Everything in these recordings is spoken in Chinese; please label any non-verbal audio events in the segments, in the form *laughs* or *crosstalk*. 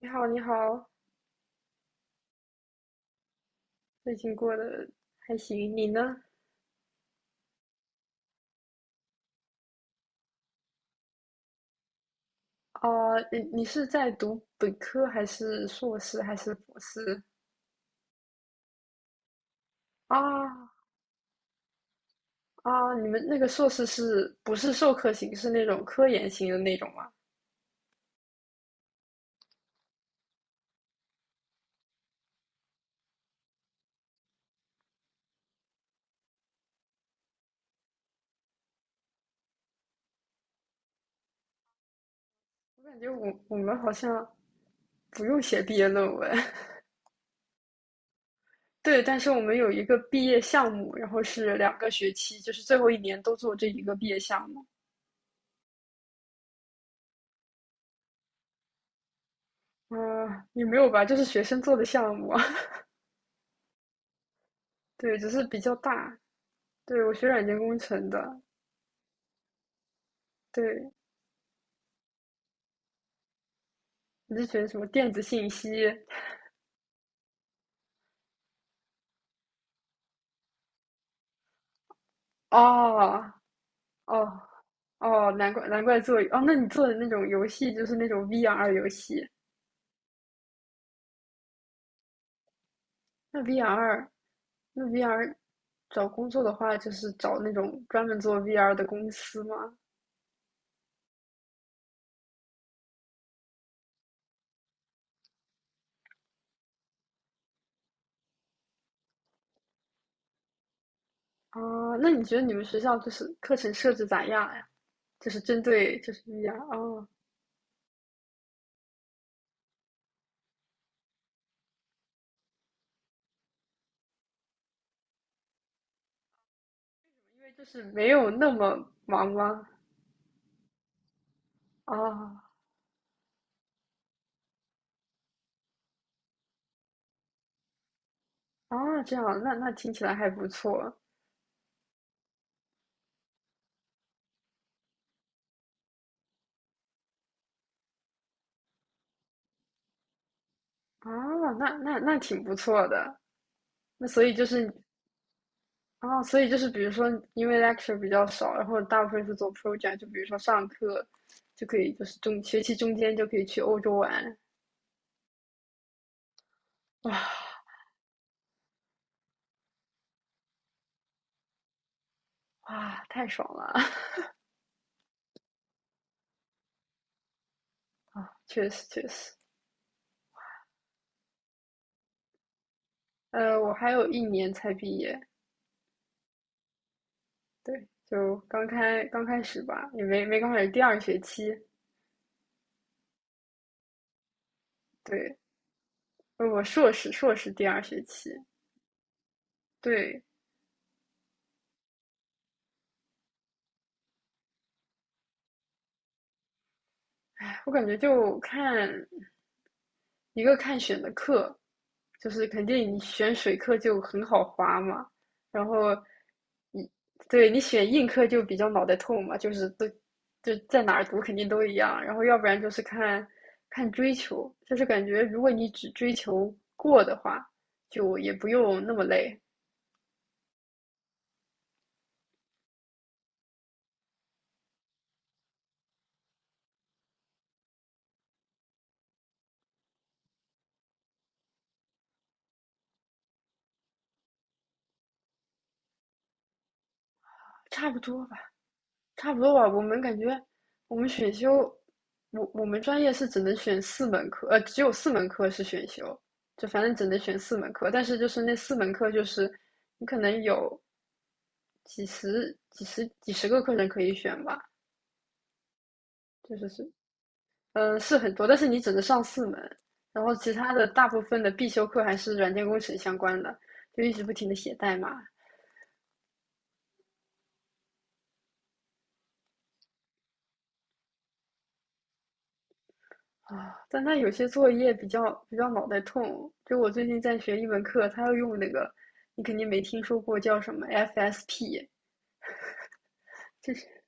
你好，你好，最近过得还行，你呢？啊、你是在读本科还是硕士还是博士？啊啊，你们那个硕士是不是授课型，是那种科研型的那种吗？我感觉我们好像不用写毕业论文，*laughs* 对，但是我们有一个毕业项目，然后是2个学期，就是最后一年都做这一个毕业项目。嗯、也没有吧，就是学生做的项目啊，*laughs* 对，只是比较大。对，我学软件工程的，对，你是学什么电子信息？哦哦哦，难怪难怪做哦，那你做的那种游戏就是那种 VR 游戏，那 VR 那 VR 找工作的话，就是找那种专门做 VR 的公司吗？啊，那你觉得你们学校就是课程设置咋样呀？就是针对就是 VR 哦，因为就是没有那么忙吗？啊啊，这样，那听起来还不错啊，那挺不错的。那所以就是啊，所以就是比如说，因为 lecture 比较少，然后大部分是做 project，就比如说上课就可以，就是中学期中间就可以去欧洲玩，哇哇，太爽了啊！确实确实，我还有一年才毕业，对，就刚开始吧，也没刚开始，第二学期，对，我硕士第二学期，对，哎我感觉就看一个看选的课，就是肯定你选水课就很好划嘛，然后你对你选硬课就比较脑袋痛嘛，就是都就在哪儿读肯定都一样，然后要不然就是看看追求，就是感觉如果你只追求过的话，就也不用那么累，差不多吧。差不多吧。我们感觉我们选修，我们专业是只能选四门课，只有四门课是选修，就反正只能选四门课。但是就是那4门课，就是你可能有几十、几十、几十个课程可以选吧，就是是，是很多，但是你只能上四门。然后其他的大部分的必修课还是软件工程相关的，就一直不停的写代码，啊，但他有些作业比较脑袋痛。就我最近在学一门课，他要用那个，你肯定没听说过叫什么 FSP，就是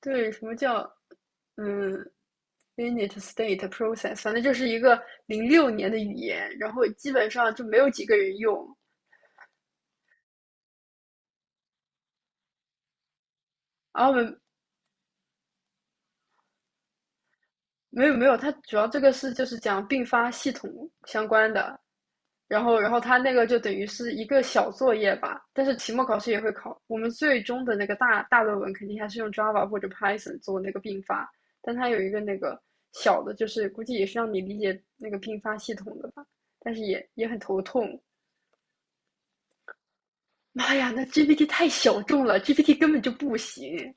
对什么叫嗯 init state process，反正就是一个06年的语言，然后基本上就没有几个人用。然后没有没有，它主要这个是就是讲并发系统相关的，然后它那个就等于是一个小作业吧，但是期末考试也会考。我们最终的那个大论文肯定还是用 Java 或者 Python 做那个并发，但它有一个那个小的，就是估计也是让你理解那个并发系统的吧，但是也很头痛。妈呀，那 GPT 太小众了，GPT 根本就不行。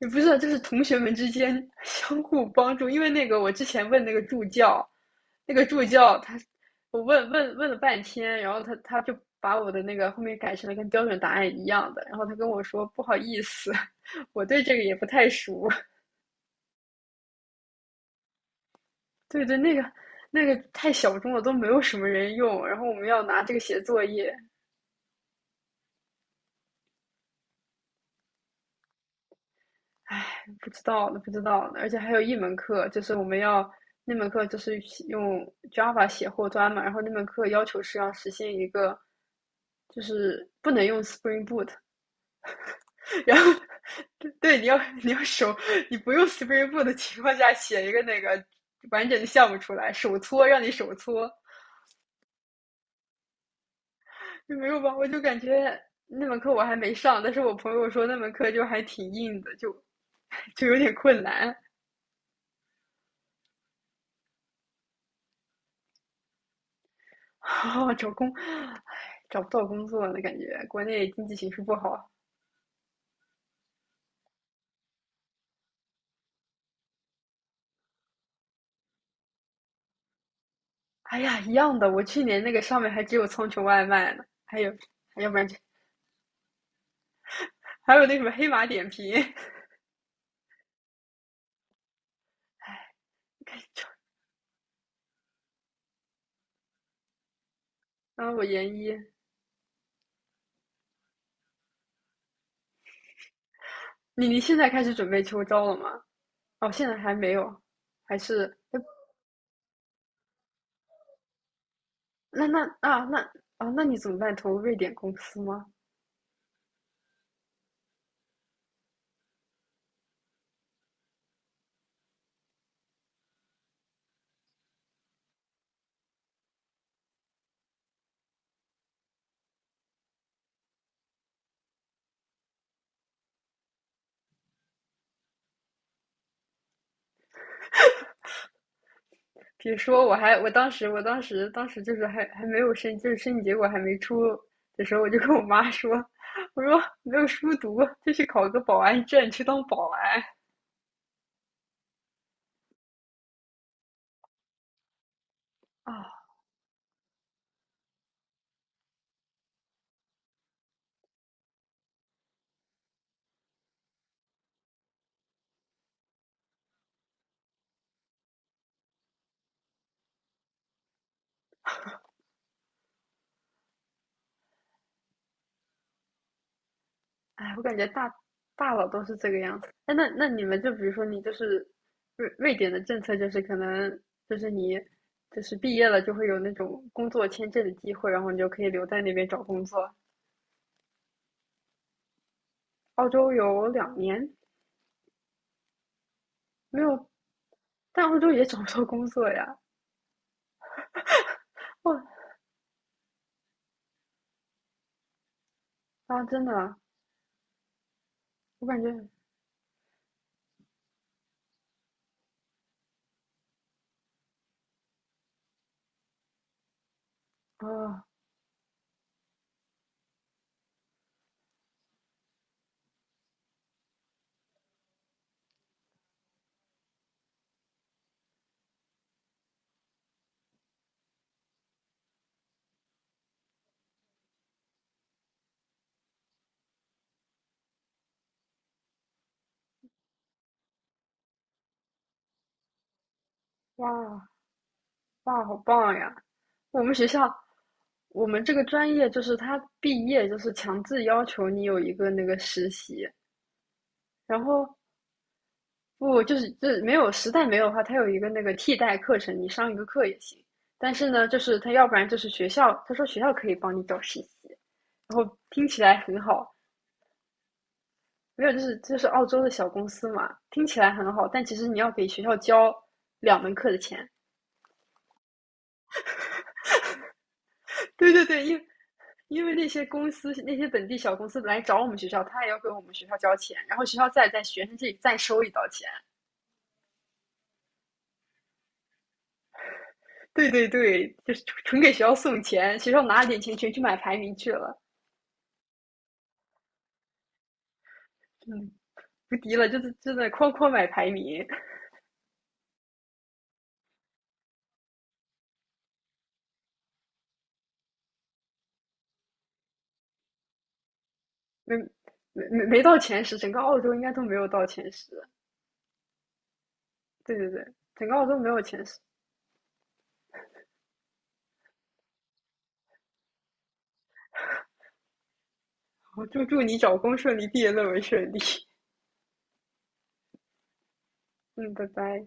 也不是，就是同学们之间 *laughs* 相互帮助。因为那个我之前问那个助教，那个助教他，我问了半天，然后他就把我的那个后面改成了跟标准答案一样的，然后他跟我说不好意思，我对这个也不太熟。对对，那个太小众了，都没有什么人用。然后我们要拿这个写作业，唉，不知道呢，不知道呢，而且还有一门课，就是我们要那门课就是用 Java 写后端嘛，然后那门课要求是要实现一个，就是不能用 Spring Boot，*laughs* 然后对对，你要你不用 Spring Boot 的情况下写一个那个完整的项目出来，手搓让你手搓，就没有吧？我就感觉那门课我还没上，但是我朋友说那门课就还挺硬的，就有点困难。哦，找工，唉，找不到工作了，感觉国内经济形势不好。哎呀，一样的，我去年那个上面还只有苍穹外卖呢，还有，要不然就，还有那什么黑马点评。*laughs* 然后我研一，你现在开始准备秋招了吗？哦，现在还没有，还是哎那那啊那啊，那你怎么办？投瑞典公司吗？比如说，我还我当时我当时当时就是还没有申，就是申请结果还没出的时候，我就跟我妈说，*laughs* 我说没有书读，就去考个保安证，去当保安啊！哎，我感觉大佬都是这个样子。哎，那你们就比如说你就是瑞典的政策就是可能就是你就是毕业了就会有那种工作签证的机会，然后你就可以留在那边找工作。澳洲有2年没有，但澳洲也找不到工作呀。哇啊，真的。我感觉，啊，哇哇，好棒呀！我们学校，我们这个专业就是他毕业就是强制要求你有一个那个实习，然后不就是没有实在没有的话，他有一个那个替代课程，你上一个课也行。但是呢，就是他要不然就是学校，他说学校可以帮你找实习，然后听起来很好，没有就是澳洲的小公司嘛，听起来很好，但其实你要给学校交2门课的钱。对对对，因为那些公司、那些本地小公司来找我们学校，他也要给我们学校交钱，然后学校再在学生这里再收一道钱。对对对，就是纯给学校送钱，学校拿了点钱全去买排名去了，嗯，无敌了，就是就在哐哐买排名，没没到前十，整个澳洲应该都没有到前十。对对对，整个澳洲没有前十。好，祝你找工顺利，毕业论文顺利。嗯，拜拜。